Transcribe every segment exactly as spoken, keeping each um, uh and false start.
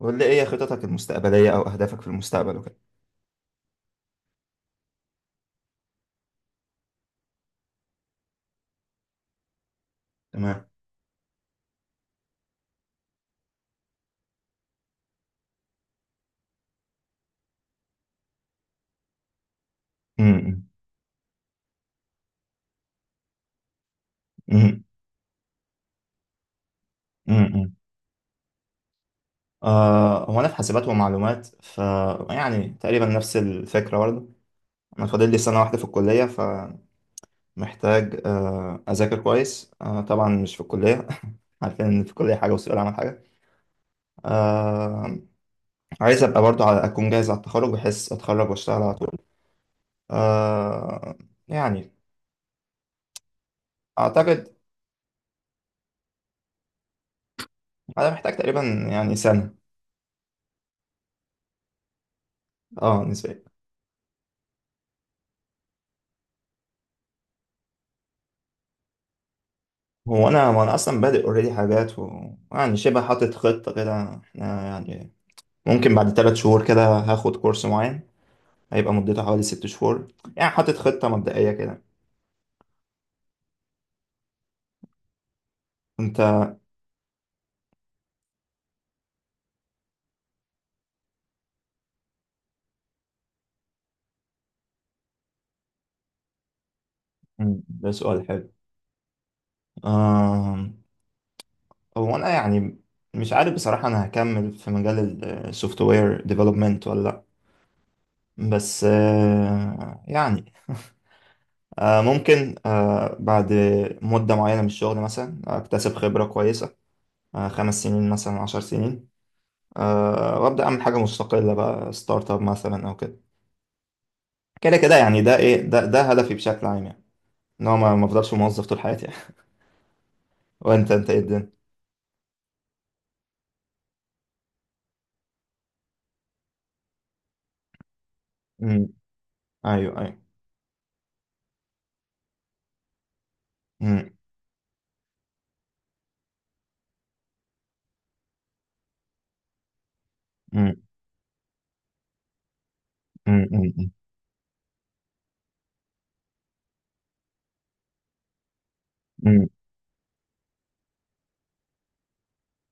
قول لي ايه خططك المستقبليه او اهدافك في المستقبل وكده. تمام. امم. امم. امم. آه هو انا في حاسبات ومعلومات ف، يعني تقريبا نفس الفكره برضه. انا فاضل لي سنه واحده في الكليه، فمحتاج آه اذاكر كويس. آه طبعا مش في الكليه عارفين ان في الكليه حاجه وسوق العمل حاجه. آه عايز ابقى برضه على اكون جاهز على التخرج، بحيث اتخرج واشتغل على طول. آه يعني اعتقد انا محتاج تقريبا، يعني سنه. اه، نسبيا. هو انا ما انا اصلا بادئ اوريدي حاجات و... يعني شبه حاطط خطه كده احنا. يعني ممكن بعد ثلاث شهور كده هاخد كورس معين، هيبقى مدته حوالي ست شهور. يعني حاطط خطه مبدئيه كده. انت؟ مم. ده سؤال حلو. آم، هو انا يعني مش عارف بصراحه انا هكمل في مجال السوفت وير ديفلوبمنت ولا لا. بس آه، يعني آه، ممكن آه، بعد مده معينه من الشغل مثلا اكتسب خبره كويسه، آه، خمس سنين مثلا، عشر سنين، آه، وابدا اعمل حاجه مستقله بقى، ستارت اب مثلا او كده. كده كده، يعني ده ايه، ده ده هدفي بشكل عام يعني، ان هو ما ما افضلش موظف طول حياتي يعني. وانت، انت ايه الدنيا؟ امم. ايوه، ايوه. امم. امم. امم. امم. امم.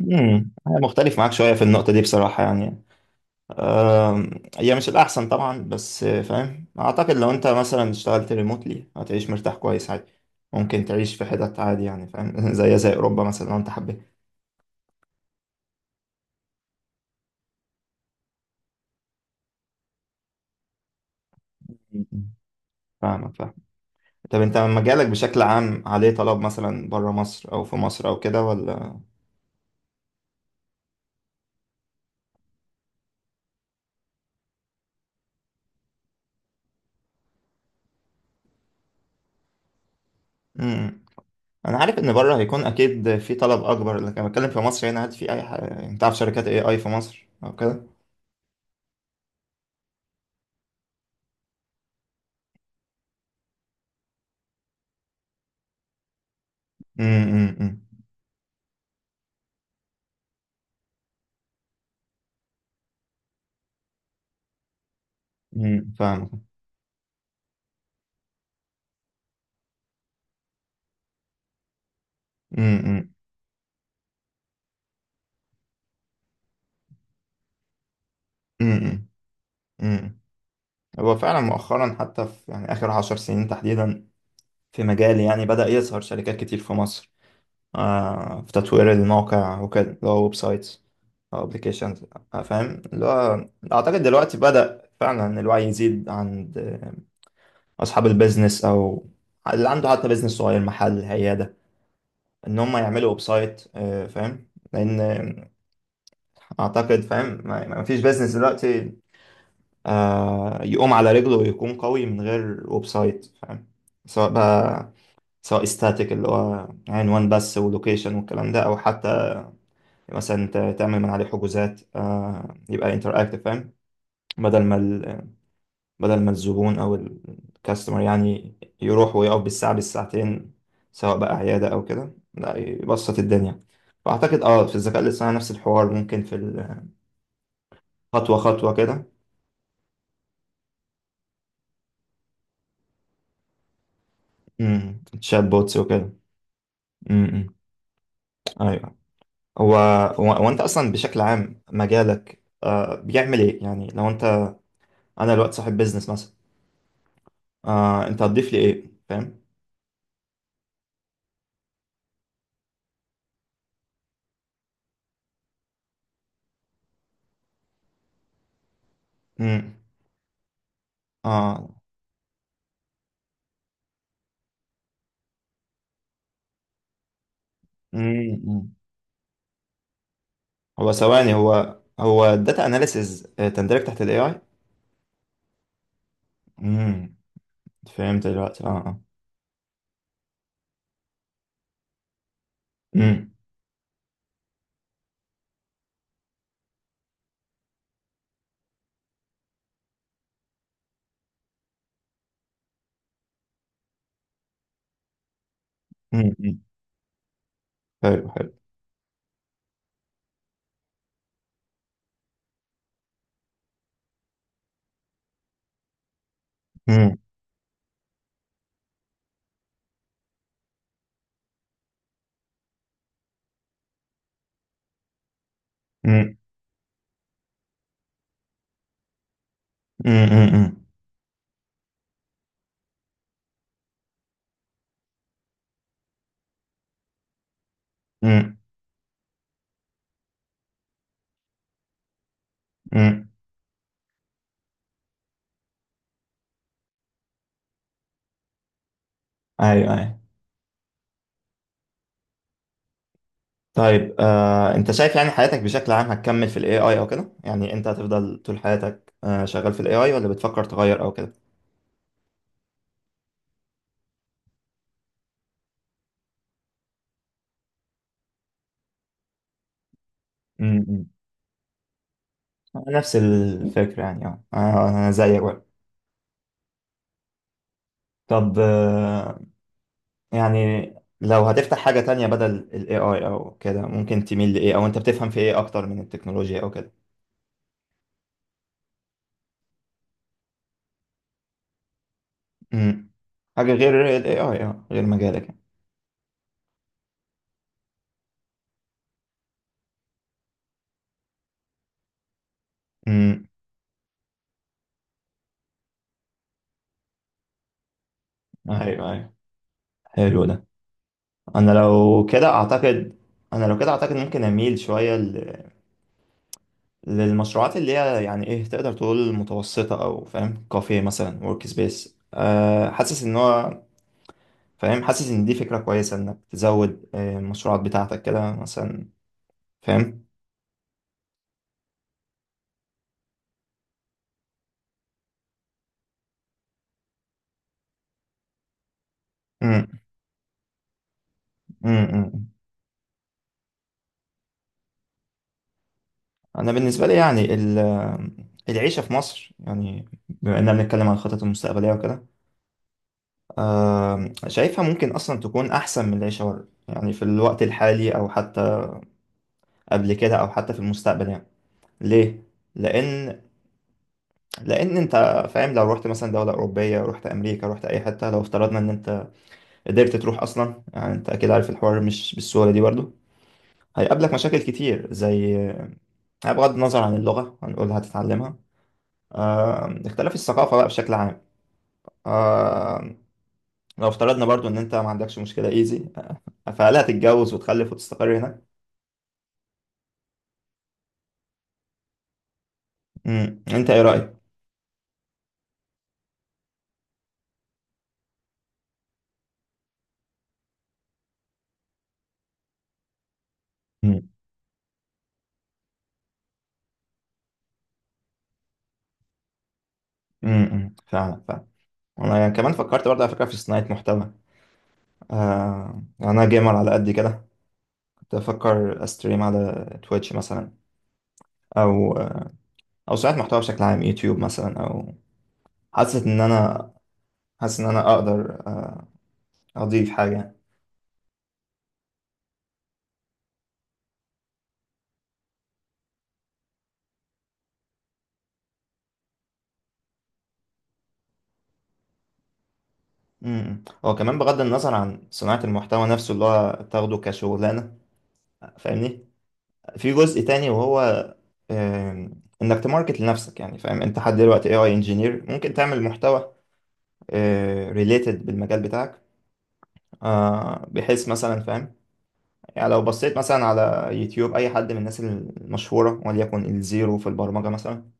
أمم. انا مختلف معاك شويه في النقطه دي بصراحه يعني. آم، هي مش الاحسن طبعا، بس آه، فاهم، اعتقد لو انت مثلا اشتغلت ريموتلي هتعيش مرتاح كويس عادي. ممكن تعيش في حتت عادي، يعني فاهم زي زي اوروبا مثلا لو انت حبيت. أمم. فاهمك، فاهمك. طب انت مجالك بشكل عام عليه طلب مثلا بره مصر او في مصر او كده، ولا؟ امم. انا عارف ان بره هيكون اكيد في طلب اكبر، لكن انا بتكلم في مصر هنا. هل في اي حاجه، انت عارف شركات اي اي في مصر او كده؟ امم. امم. فاهم. امم. امم. امم. هو فعلا مؤخرا، حتى في يعني اخر عشر سنين تحديدا، في مجالي يعني بدأ يظهر شركات كتير في مصر، آه، في تطوير الموقع وكده، اللي هو ويب سايتس أو أبليكيشنز. فاهم، اللي هو أعتقد دلوقتي بدأ فعلا الوعي يزيد عند آه، أصحاب البيزنس، أو اللي عنده حتى بيزنس صغير، محل، عيادة، إن هم يعملوا ويب سايت. آه، فاهم، لأن آه، أعتقد، فاهم، ما ما فيش بيزنس دلوقتي آه، يقوم على رجله ويكون قوي من غير ويب سايت، فاهم. سواء بقى، سواء استاتيك اللي هو عنوان بس ولوكيشن والكلام ده، أو حتى مثلا انت تعمل من عليه حجوزات، آه، يبقى انتراكتيف، فاهم. بدل ما ال- بدل ما الزبون او الكاستمر يعني يروح ويقف بالساعه، بالساعتين، سواء بقى عياده او كده، لا يبسط الدنيا. فاعتقد اه في الذكاء الاصطناعي نفس الحوار، ممكن في ال- خطوه خطوه كده. امم. تشات بوتس وكده. امم. ايوه. هو هو هو انت اصلا بشكل عام مجالك آه بيعمل ايه يعني؟ لو انت، انا دلوقتي صاحب بيزنس مثلا، آه انت هتضيف لي ايه، فاهم؟ امم. اه. امم. هو ثواني، هو هو الداتا اناليسز تندرج تحت الاي اي؟ امم. فهمت دلوقتي، اه، اه. امم. امم. أمم. حلو، حلو. امم. امم. امم. امم. امم. أمم. ايوه، ايوه. طيب آه، انت شايف يعني حياتك بشكل عام هتكمل في الاي اي او كده؟ يعني انت هتفضل طول حياتك آه، شغال في الاي اي، ولا بتفكر تغير او كده؟ امم. أمم. نفس الفكرة يعني، اه. آه، انا زيك بقى. طب آه، يعني لو هتفتح حاجة تانية بدل ال A I أو كده، ممكن تميل لإيه؟ أو أنت بتفهم في إيه أكتر من التكنولوجيا أو كده؟ امم. حاجة غير ال إيه آي، أه غير مجالك يعني. امم. أيوه، أيوه. حلو ده. أنا لو كده أعتقد أنا لو كده أعتقد ممكن أميل شوية ل... للمشروعات اللي هي يعني إيه، تقدر تقول متوسطة، أو فاهم، كافيه مثلا، ورك سبيس. أه حاسس إن هو، فاهم، حاسس إن دي فكرة كويسة إنك تزود آه، المشروعات بتاعتك كده مثلا، فاهم. امم. انا بالنسبه لي يعني ال- العيشه في مصر، يعني بما اننا بنتكلم عن الخطط المستقبليه وكده، آم، شايفها ممكن اصلا تكون احسن من العيشه بره، يعني في الوقت الحالي، او حتى قبل كده، او حتى في المستقبل يعني. ليه؟ لان لان انت، فاهم، لو رحت مثلا دوله اوروبيه، رحت امريكا، رحت اي حته، لو افترضنا ان انت قدرت تروح اصلا، يعني انت اكيد عارف الحوار مش بالسهوله دي برضه. هيقابلك مشاكل كتير، زي، بغض النظر عن اللغه هنقول هتتعلمها، آه، اختلاف الثقافة بقى بشكل عام. آه لو افترضنا برضو ان انت ما عندكش مشكلة ايزي، فهل هتتجوز وتخلف وتستقر هناك؟ مم. انت ايه رأيك؟ مم. مم. فعلا، فعلا. انا يعني كمان فكرت برضه، على فكرة، في صناعة محتوى. آه يعني انا جيمر على قد كده. كنت بفكر استريم على تويتش مثلا، او آه، او صناعة محتوى بشكل عام، يوتيوب مثلا، او حاسس ان انا حاسس ان انا اقدر آه، اضيف حاجة يعني. امم. هو كمان بغض النظر عن صناعة المحتوى نفسه، اللي هو تاخده كشغلانة، فاهمني، في جزء تاني، وهو آم، انك تماركت لنفسك. يعني فاهم، انت حد دلوقتي اي اي انجينير، ممكن تعمل محتوى ريليتد بالمجال بتاعك، آه، بحيث مثلا فاهم، يعني لو بصيت مثلا على يوتيوب اي حد من الناس المشهورة، وليكن الزيرو في البرمجة مثلا،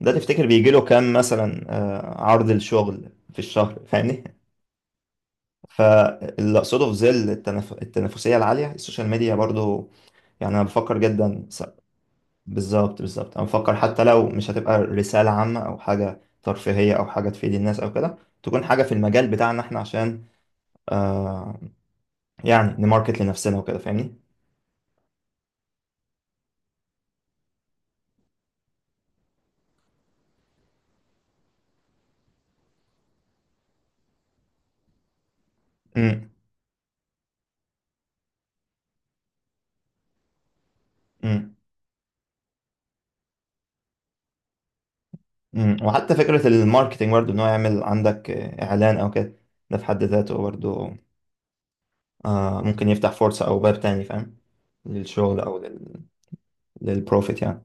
ده تفتكر بيجي له كام مثلا آه، عرض الشغل في الشهر؟ فاهمني. فاللي اقصده، في ظل التنف... التنافسية العالية، السوشيال ميديا برضو، يعني انا بفكر جدا. بالظبط، بالظبط. انا بفكر حتى لو مش هتبقى رسالة عامة او حاجة ترفيهية او حاجة تفيد الناس او كده، تكون حاجة في المجال بتاعنا احنا، عشان آه يعني نماركت لنفسنا وكده، فاهمني. امم. امم. امم. وحتى فكرة الماركتينج برضو، ان هو يعمل عندك آه، اعلان او كده، ده في حد ذاته برضو آه ممكن يفتح فرصة او باب تاني، فاهم، للشغل، او لل... للبروفيت يعني.